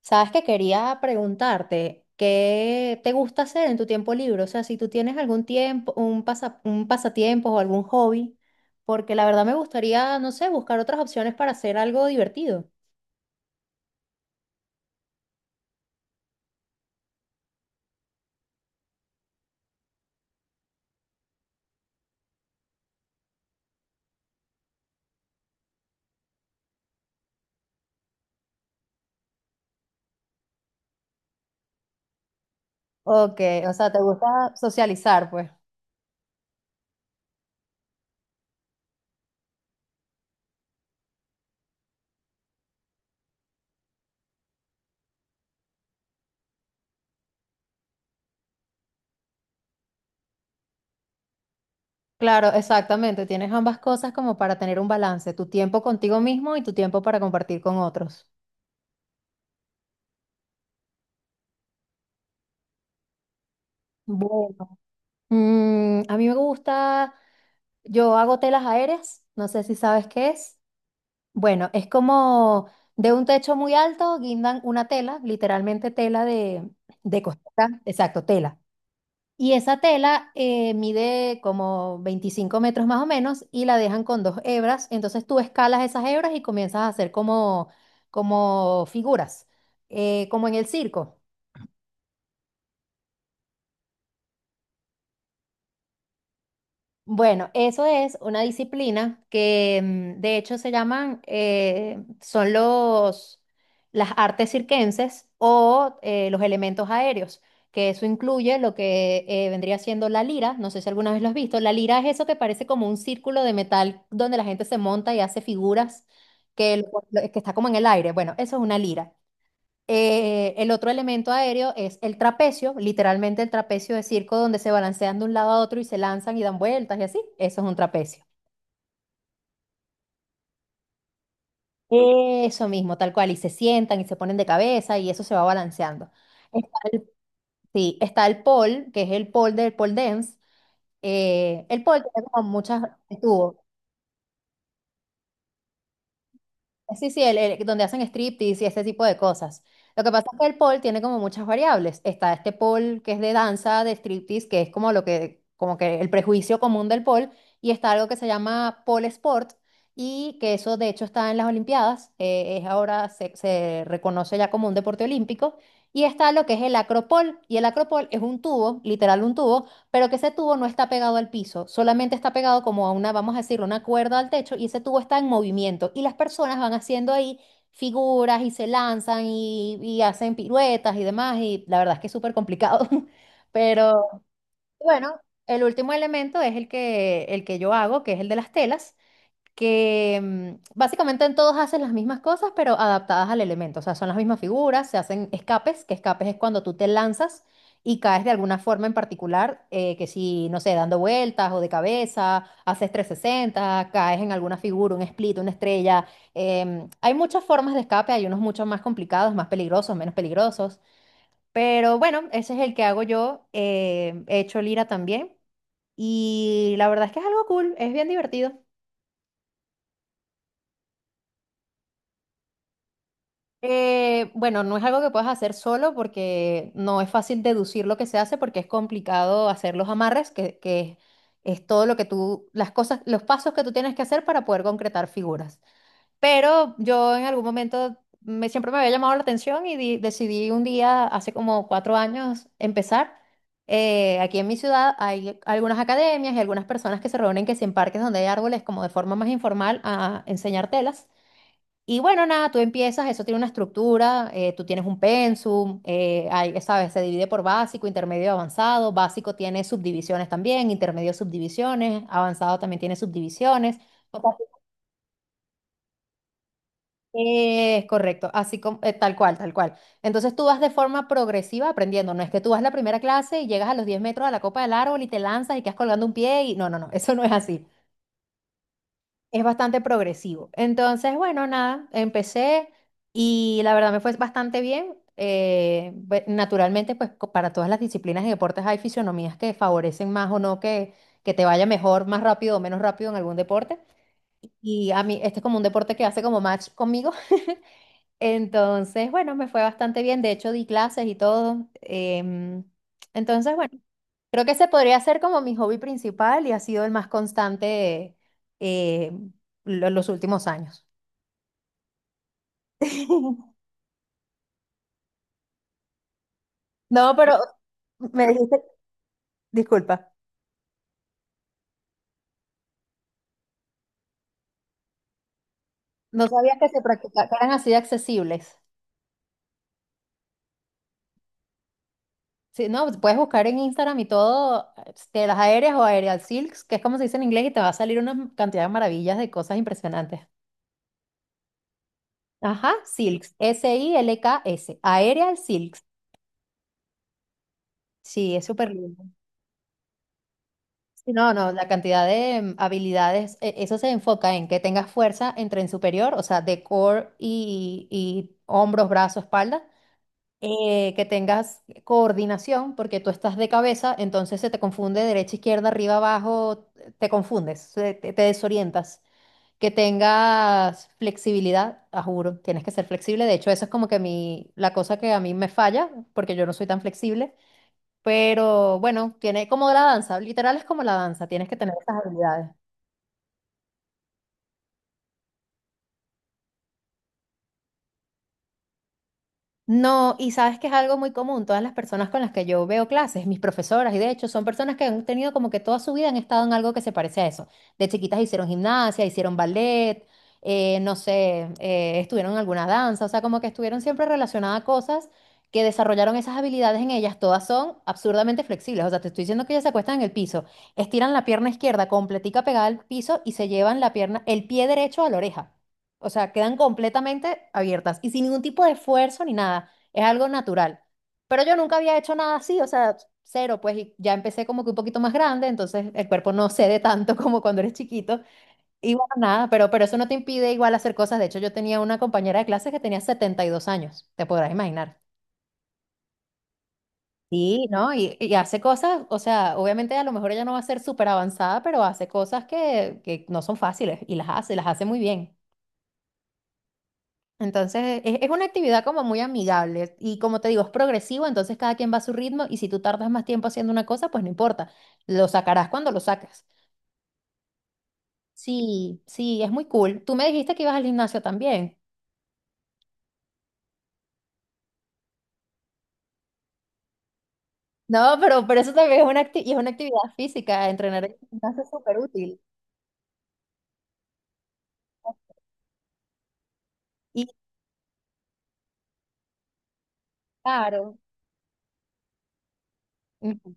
Sabes que quería preguntarte, ¿qué te gusta hacer en tu tiempo libre? O sea, si tú tienes algún tiempo, un pasatiempo o algún hobby, porque la verdad me gustaría, no sé, buscar otras opciones para hacer algo divertido. Ok, o sea, te gusta socializar, pues. Claro, exactamente. Tienes ambas cosas como para tener un balance, tu tiempo contigo mismo y tu tiempo para compartir con otros. Bueno, a mí me gusta, yo hago telas aéreas, no sé si sabes qué es. Bueno, es como de un techo muy alto guindan una tela, literalmente de costura, exacto, tela. Y esa tela mide como 25 metros más o menos y la dejan con dos hebras. Entonces tú escalas esas hebras y comienzas a como figuras, como en el circo. Bueno, eso es una disciplina que de hecho se llaman, las artes circenses o los elementos aéreos, que eso incluye lo que vendría siendo la lira, no sé si alguna vez lo has visto. La lira es eso que parece como un círculo de metal donde la gente se monta y hace figuras que, que está como en el aire. Bueno, eso es una lira. El otro elemento aéreo es el trapecio, literalmente el trapecio de circo donde se balancean de un lado a otro y se lanzan y dan vueltas y así. Eso es un trapecio. Eso mismo, tal cual. Y se sientan y se ponen de cabeza y eso se va balanceando. Está el, sí, está el pole, que es el pole del pole dance. El pole tiene como muchas, estuvo Sí, sí, donde hacen striptease y ese tipo de cosas. Lo que pasa es que el pole tiene como muchas variables. Está este pole que es de danza, de striptease, que es como lo que, como que el prejuicio común del pole, y está algo que se llama pole sport, y que eso de hecho está en las Olimpiadas. Se reconoce ya como un deporte olímpico, y está lo que es el acropole, y el acropole es un tubo, literal un tubo, pero que ese tubo no está pegado al piso, solamente está pegado como a una, vamos a decirlo, una cuerda al techo, y ese tubo está en movimiento y las personas van haciendo ahí figuras y se lanzan y hacen piruetas y demás, y la verdad es que es súper complicado, pero bueno, el último elemento es el que yo hago, que es el de las telas que básicamente en todos hacen las mismas cosas, pero adaptadas al elemento. O sea, son las mismas figuras, se hacen escapes, que escapes es cuando tú te lanzas y caes de alguna forma en particular, que si, no sé, dando vueltas o de cabeza, haces 360, caes en alguna figura, un split, una estrella. Hay muchas formas de escape, hay unos mucho más complicados, más peligrosos, menos peligrosos. Pero bueno, ese es el que hago yo. He hecho lira también. Y la verdad es que es algo cool, es bien divertido. Bueno, no es algo que puedas hacer solo porque no es fácil deducir lo que se hace, porque es complicado hacer los amarres, que es todo lo que tú, las cosas, los pasos que tú tienes que hacer para poder concretar figuras. Pero yo en algún momento me, siempre me había llamado la atención y decidí un día, hace como 4 años, empezar. Aquí en mi ciudad hay algunas academias y algunas personas que se reúnen, que si en parques donde hay árboles, como de forma más informal, a enseñar telas. Y bueno, nada, tú empiezas, eso tiene una estructura, tú tienes un pensum, hay, ¿sabes? Se divide por básico, intermedio, avanzado. Básico tiene subdivisiones también, intermedio subdivisiones, avanzado también tiene subdivisiones. O sea, que- Es correcto, así como, tal cual, tal cual. Entonces tú vas de forma progresiva aprendiendo, no es que tú vas a la primera clase y llegas a los 10 metros a la copa del árbol y te lanzas y quedas colgando un pie, y no, no, no, eso no es así. Es bastante progresivo. Entonces, bueno, nada, empecé y la verdad me fue bastante bien. Naturalmente, pues para todas las disciplinas y deportes hay fisionomías que favorecen más o no, que te vaya mejor, más rápido o menos rápido en algún deporte. Y a mí, este es como un deporte que hace como match conmigo. Entonces, bueno, me fue bastante bien. De hecho, di clases y todo. Entonces, bueno. Creo que ese podría ser como mi hobby principal y ha sido el más constante eh, los últimos años. No, pero me dijiste, disculpa, no sabía que que eran así de accesibles. Sí, no, puedes buscar en Instagram y todo, este, las aéreas o aerial silks, que es como se dice en inglés, y te va a salir una cantidad de maravillas de cosas impresionantes. Ajá, silks, SILKS, aerial silks. Sí, es súper lindo. Sí, no, no, la cantidad de habilidades, eso se enfoca en que tengas fuerza en tren superior, o sea, de core y hombros, brazo, espalda, que tengas coordinación, porque tú estás de cabeza, entonces se te confunde derecha, izquierda, arriba, abajo, te confundes, te desorientas, que tengas flexibilidad, a juro, tienes que ser flexible. De hecho, eso es como que la cosa que a mí me falla, porque yo no soy tan flexible, pero bueno, tiene como la danza, literal es como la danza, tienes que tener esas habilidades. No, y sabes que es algo muy común. Todas las personas con las que yo veo clases, mis profesoras, y de hecho son personas que han tenido como que toda su vida han estado en algo que se parece a eso. De chiquitas hicieron gimnasia, hicieron ballet, no sé, estuvieron en alguna danza, o sea, como que estuvieron siempre relacionadas a cosas que desarrollaron esas habilidades en ellas. Todas son absurdamente flexibles. O sea, te estoy diciendo que ellas se acuestan en el piso, estiran la pierna izquierda completica pegada al piso y se llevan la pierna, el pie derecho a la oreja. O sea, quedan completamente abiertas y sin ningún tipo de esfuerzo ni nada. Es algo natural. Pero yo nunca había hecho nada así, o sea, cero, pues, y ya empecé como que un poquito más grande, entonces el cuerpo no cede tanto como cuando eres chiquito. Y bueno, nada, pero eso no te impide igual hacer cosas. De hecho, yo tenía una compañera de clase que tenía 72 años, te podrás imaginar. Sí, ¿no? Y hace cosas, o sea, obviamente a lo mejor ella no va a ser súper avanzada, pero hace cosas que no son fáciles, y las hace muy bien. Entonces, es una actividad como muy amigable, y como te digo, es progresivo, entonces cada quien va a su ritmo, y si tú tardas más tiempo haciendo una cosa, pues no importa, lo sacarás cuando lo sacas. Sí, sí, es muy cool. Tú me dijiste que ibas al gimnasio también. No, pero eso también es una, es una actividad física, entrenar en el gimnasio es súper útil. Y claro, ujú,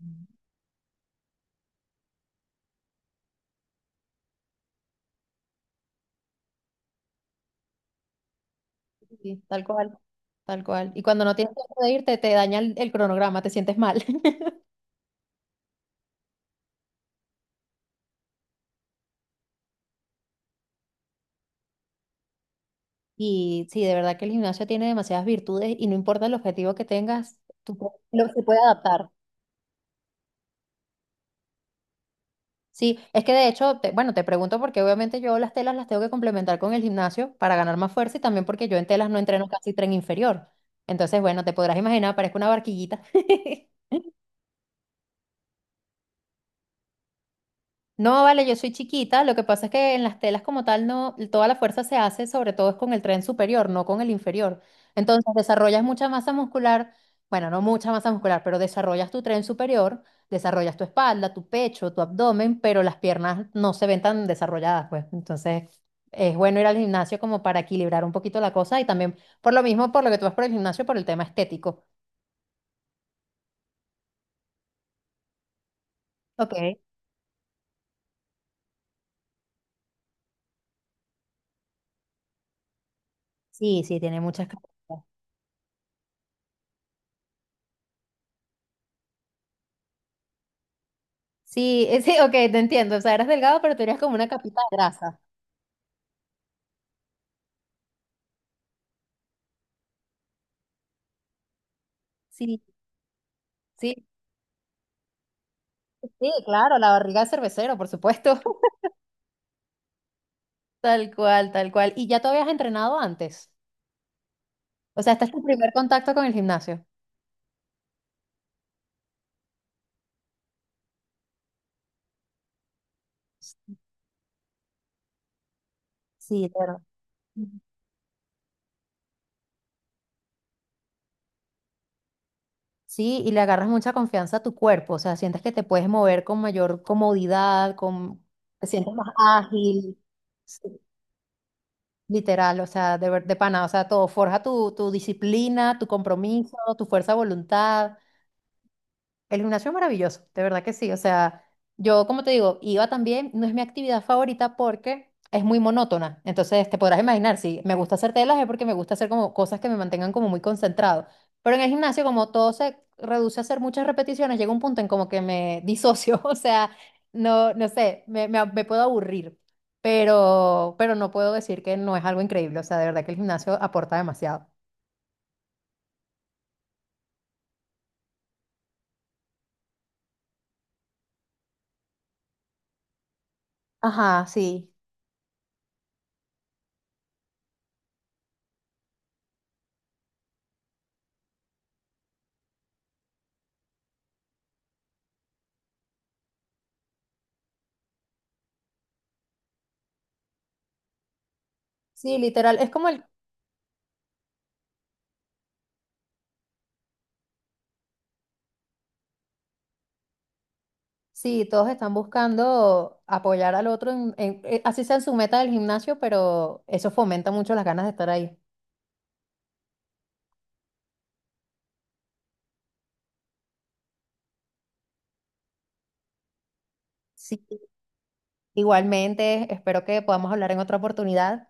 sí, tal cual, tal cual. Y cuando no tienes tiempo de irte, te daña el cronograma, te sientes mal. Y sí, de verdad que el gimnasio tiene demasiadas virtudes y no importa el objetivo que tengas, se puede adaptar. Sí, es que de hecho, bueno, te pregunto porque obviamente yo las telas las tengo que complementar con el gimnasio para ganar más fuerza, y también porque yo en telas no entreno casi tren inferior. Entonces, bueno, te podrás imaginar, parezco una barquillita. No, vale, yo soy chiquita. Lo que pasa es que en las telas como tal no, toda la fuerza se hace, sobre todo es con el tren superior, no con el inferior. Entonces desarrollas mucha masa muscular, bueno, no mucha masa muscular, pero desarrollas tu tren superior, desarrollas tu espalda, tu pecho, tu abdomen, pero las piernas no se ven tan desarrolladas, pues. Entonces es bueno ir al gimnasio como para equilibrar un poquito la cosa, y también por lo mismo, por lo que tú vas por el gimnasio, por el tema estético. Ok. Sí, sí, tiene muchas cosas. Sí, sí, ok, te entiendo. O sea, eras delgado, pero tenías como una capita de grasa. Sí, sí, sí, claro, la barriga de cervecero, por supuesto. Tal cual, tal cual. ¿Y ya tú habías entrenado antes? O sea, este es tu primer contacto con el gimnasio. Sí, claro. Ujú. Sí, y le agarras mucha confianza a tu cuerpo, o sea, sientes que te puedes mover con mayor comodidad, con... te sientes más ágil. Sí. Literal, o sea, de pana, o sea, todo forja tu, tu disciplina, tu compromiso, tu fuerza de voluntad. El gimnasio es maravilloso, de verdad que sí. O sea, yo, como te digo, iba también, no es mi actividad favorita porque es muy monótona. Entonces, te podrás imaginar, si me gusta hacer telas es porque me gusta hacer como cosas que me mantengan como muy concentrado. Pero en el gimnasio, como todo se reduce a hacer muchas repeticiones, llega un punto en como que me disocio. O sea, no, no sé, me puedo aburrir. Pero no puedo decir que no es algo increíble. O sea, de verdad que el gimnasio aporta demasiado. Ajá, sí. Sí, literal. Es como el Sí, todos están buscando apoyar al otro, así sea en su meta del gimnasio, pero eso fomenta mucho las ganas de estar ahí. Sí. Igualmente, espero que podamos hablar en otra oportunidad.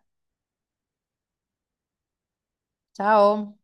Chao.